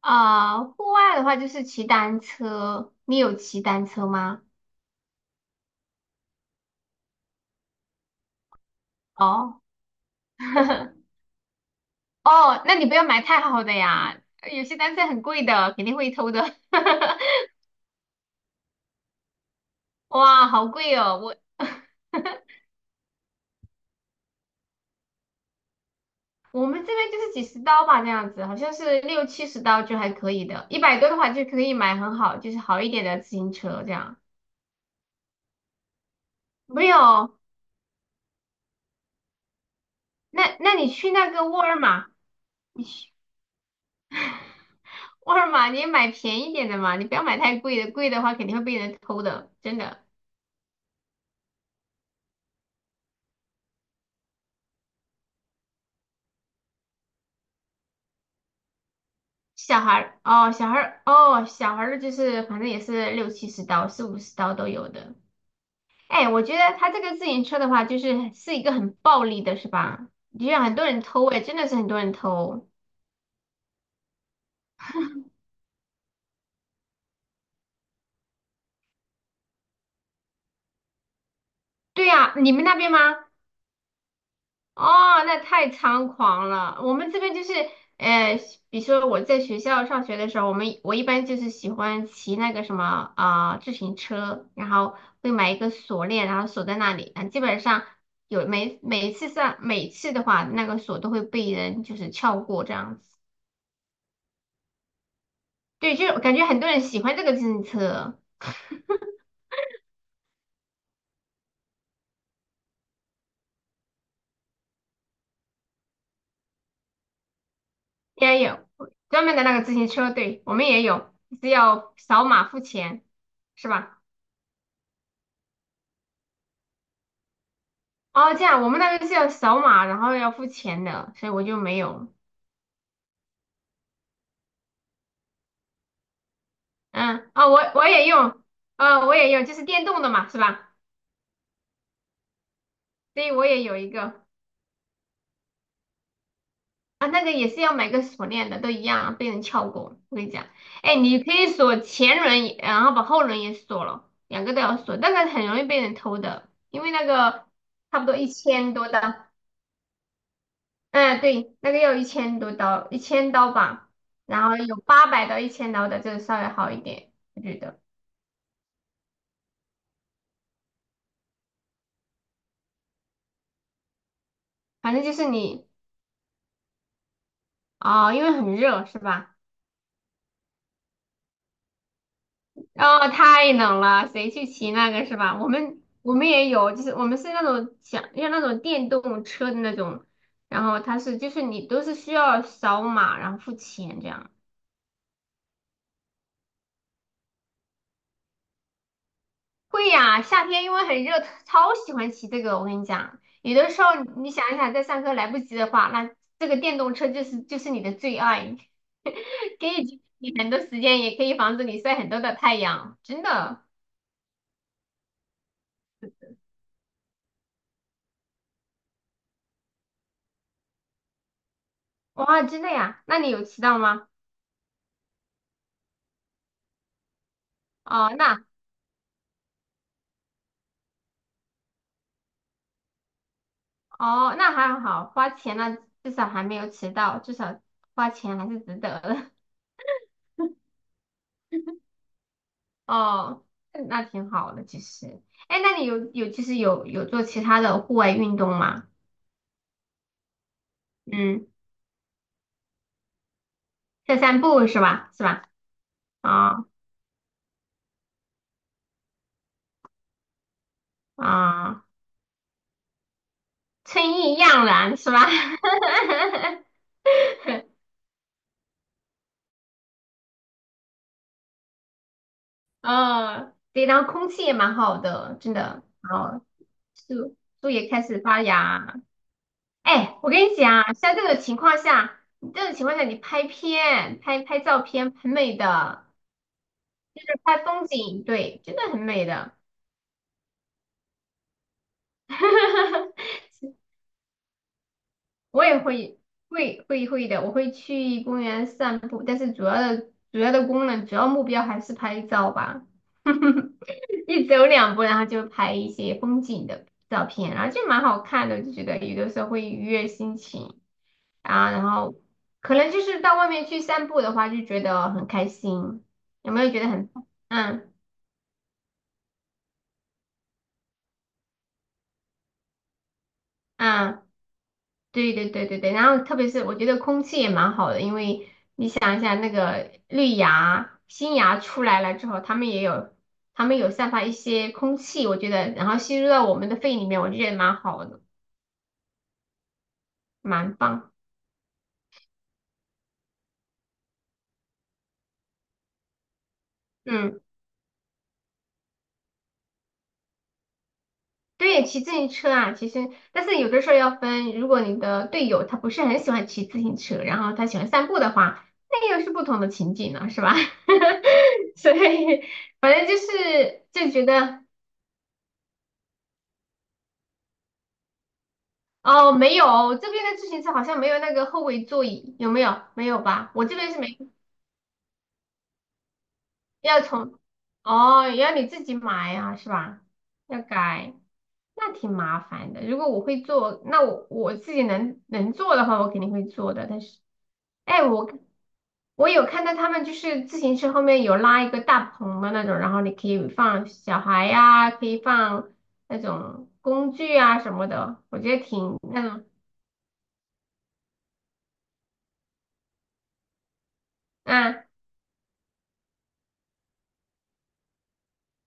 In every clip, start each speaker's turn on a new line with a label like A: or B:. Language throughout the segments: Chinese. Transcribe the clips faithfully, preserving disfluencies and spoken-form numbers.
A: 啊、户外的话就是骑单车，你有骑单车吗？哦，哦，那你不要买太好的呀，有些单车很贵的，肯定会偷的。哇，好贵哦，我 我们这边就是几十刀吧，这样子，好像是六七十刀就还可以的，一百多的话就可以买很好，就是好一点的自行车这样。没有，那那你去那个沃尔玛，你去沃尔玛你也买便宜点的嘛，你不要买太贵的，贵的话肯定会被人偷的，真的。小孩儿哦，小孩儿哦，小孩儿的就是反正也是六七十刀、四五十刀都有的。哎，我觉得他这个自行车的话，就是是一个很暴利的，是吧？就像很多人偷，哎，真的是很多人偷。对呀，你们那边吗？哦，那太猖狂了。我们这边就是，呃，比如说我在学校上学的时候，我们我一般就是喜欢骑那个什么啊、呃自行车，然后会买一个锁链，然后锁在那里。啊，基本上有每每一次上每次的话，那个锁都会被人就是撬过这样子。对，就是我感觉很多人喜欢这个自行车，也有专门的那个自行车，对，我们也有，是要扫码付钱，是吧？哦，这样我们那个是要扫码，然后要付钱的，所以我就没有。嗯，哦，我我也用，呃，我也用，就是电动的嘛，是吧？对，我也有一个啊，那个也是要买个锁链的，都一样啊，被人撬过。我跟你讲，哎，你可以锁前轮也然后把后轮也锁了，两个都要锁，但是很容易被人偷的，因为那个差不多一千多刀，嗯，对，那个要一千多刀，一千刀吧，然后有八百到一千刀的，这个稍微好一点，我觉得，反正就是你。哦，因为很热是吧？哦，太冷了，谁去骑那个是吧？我们我们也有，就是我们是那种想要那种电动车的那种，然后它是就是你都是需要扫码然后付钱这样。会呀，夏天因为很热，超喜欢骑这个。我跟你讲，有的时候你想一想，在上课来不及的话，那这个电动车就是就是你的最爱，可以节省你很多时间，也可以防止你晒很多的太阳，真的，哇，真的呀。那你有骑到吗？哦，那。哦，那还好，花钱了，至少还没有迟到，至少花钱还是值得的。哦，那挺好的，其实。哎，那你有有其实有有做其他的户外运动吗？嗯，散散步是吧？是吧？啊、啊、春意盎然是吧？哦，对，然后空气也蛮好的，真的。哦，树树也开始发芽，哎，我跟你讲，啊，像这种情况下，这种情况下，你拍片、拍拍照片，很美的，就是拍风景，对，真的很美的。我也会会会会的，我会去公园散步，但是主要的主要的功能、主要目标还是拍照吧。一走两步，然后就拍一些风景的照片，然后就蛮好看的，我就觉得有的时候会愉悦心情。啊，然后可能就是到外面去散步的话，就觉得很开心，有没有觉得很？嗯嗯，对对对对对。然后特别是我觉得空气也蛮好的，因为你想一下那个绿芽、新芽出来了之后，它们也有，它们有散发一些空气，我觉得，然后吸入到我们的肺里面，我就觉得蛮好的，蛮棒。嗯。对，骑自行车啊，其实，但是有的时候要分，如果你的队友他不是很喜欢骑自行车，然后他喜欢散步的话，那又是不同的情景了，是吧？所以反正就是就觉得哦，没有这边的自行车好像没有那个后尾座椅，有没有？没有吧？我这边是没。要从，哦，要你自己买呀，是吧？要改，那挺麻烦的。如果我会做，那我我自己能能做的话，我肯定会做的。但是，哎，我我有看到他们就是自行车后面有拉一个大棚的那种，然后你可以放小孩呀、可以放那种工具啊什么的，我觉得挺那种，嗯，啊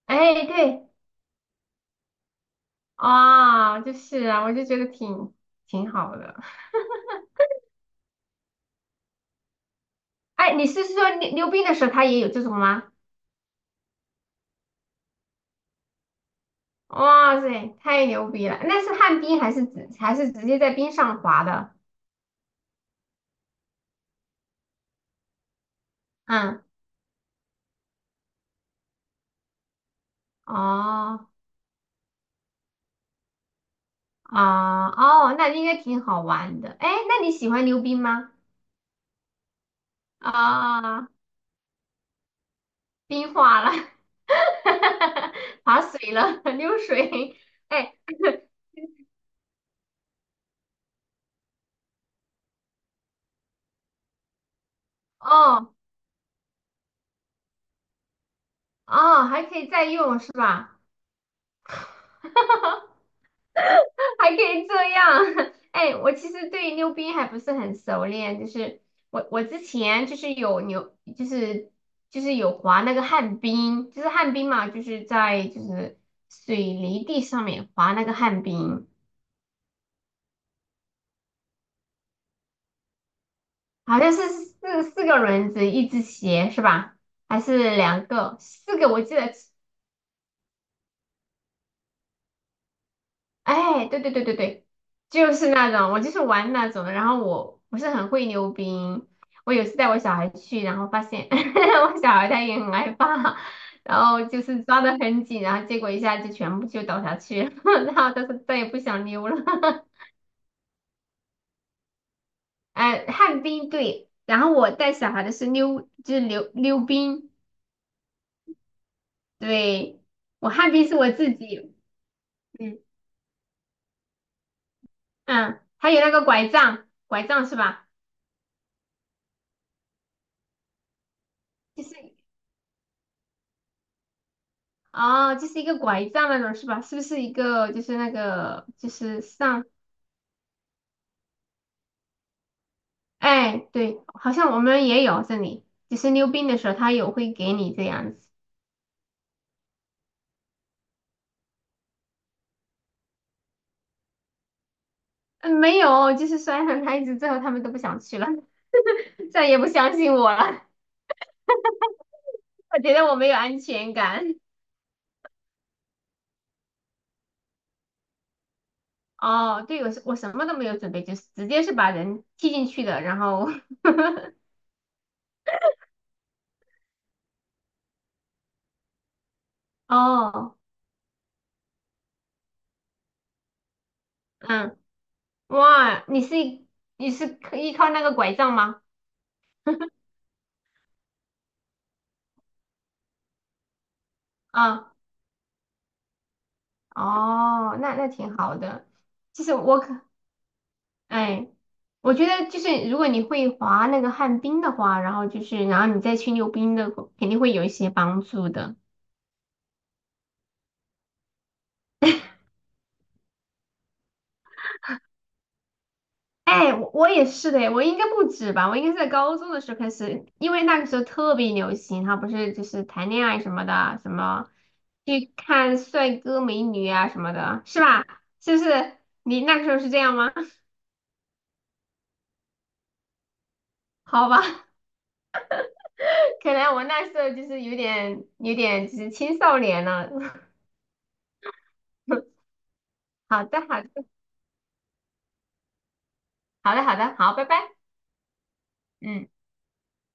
A: 哎，对，啊、就是啊，我就觉得挺挺好的。哎，你是说溜溜冰的时候他也有这种吗？哇塞，太牛逼了！那是旱冰还是直还是直接在冰上滑的？嗯，哦啊哦，那应该挺好玩的。哎，那你喜欢溜冰吗？啊，冰化了，滑水了，溜水。哎，哦哦，还可以再用是吧？哈哈。还可以这样？哎，我其实对溜冰还不是很熟练，就是我我之前就是有牛，就是就是有滑那个旱冰，就是旱冰嘛，就是在就是水泥地上面滑那个旱冰，好像是四四个轮子，一只鞋是吧？还是两个？四个我记得哎，对对对对对，就是那种，我就是玩那种的。然后我不是很会溜冰，我有次带我小孩去，然后发现 我小孩他也很害怕，然后就是抓得很紧，然后结果一下就全部就倒下去了，然后他说再也不想溜了。哎，旱冰对，然后我带小孩的是溜，就是溜溜冰，对，我旱冰是我自己，嗯嗯，还有那个拐杖，拐杖是吧？就是。哦，就是一个拐杖那种是吧？是不是一个就是那个就是上？哎，对，好像我们也有这里，就是溜冰的时候他有会给你这样子。嗯，没有，就是摔了他一直之后，他们都不想去了，再也不相信我了。我觉得我没有安全感。哦，对，我是我什么都没有准备，就是直接是把人踢进去的。然后 哦，嗯，哇，你是你是依靠那个拐杖吗？啊、哦，那那挺好的。其实我可，哎，我觉得就是如果你会滑那个旱冰的话，然后就是然后你再去溜冰的，肯定会有一些帮助的。哎，我我也是的，我应该不止吧，我应该是在高中的时候开始，因为那个时候特别流行，他不是就是谈恋爱什么的，什么去看帅哥美女啊什么的，是吧？是不是？你那个时候是这样吗？好吧。可能我那时候就是有点有点就是青少年了。好的，好的，好的，好的，好，拜拜，嗯。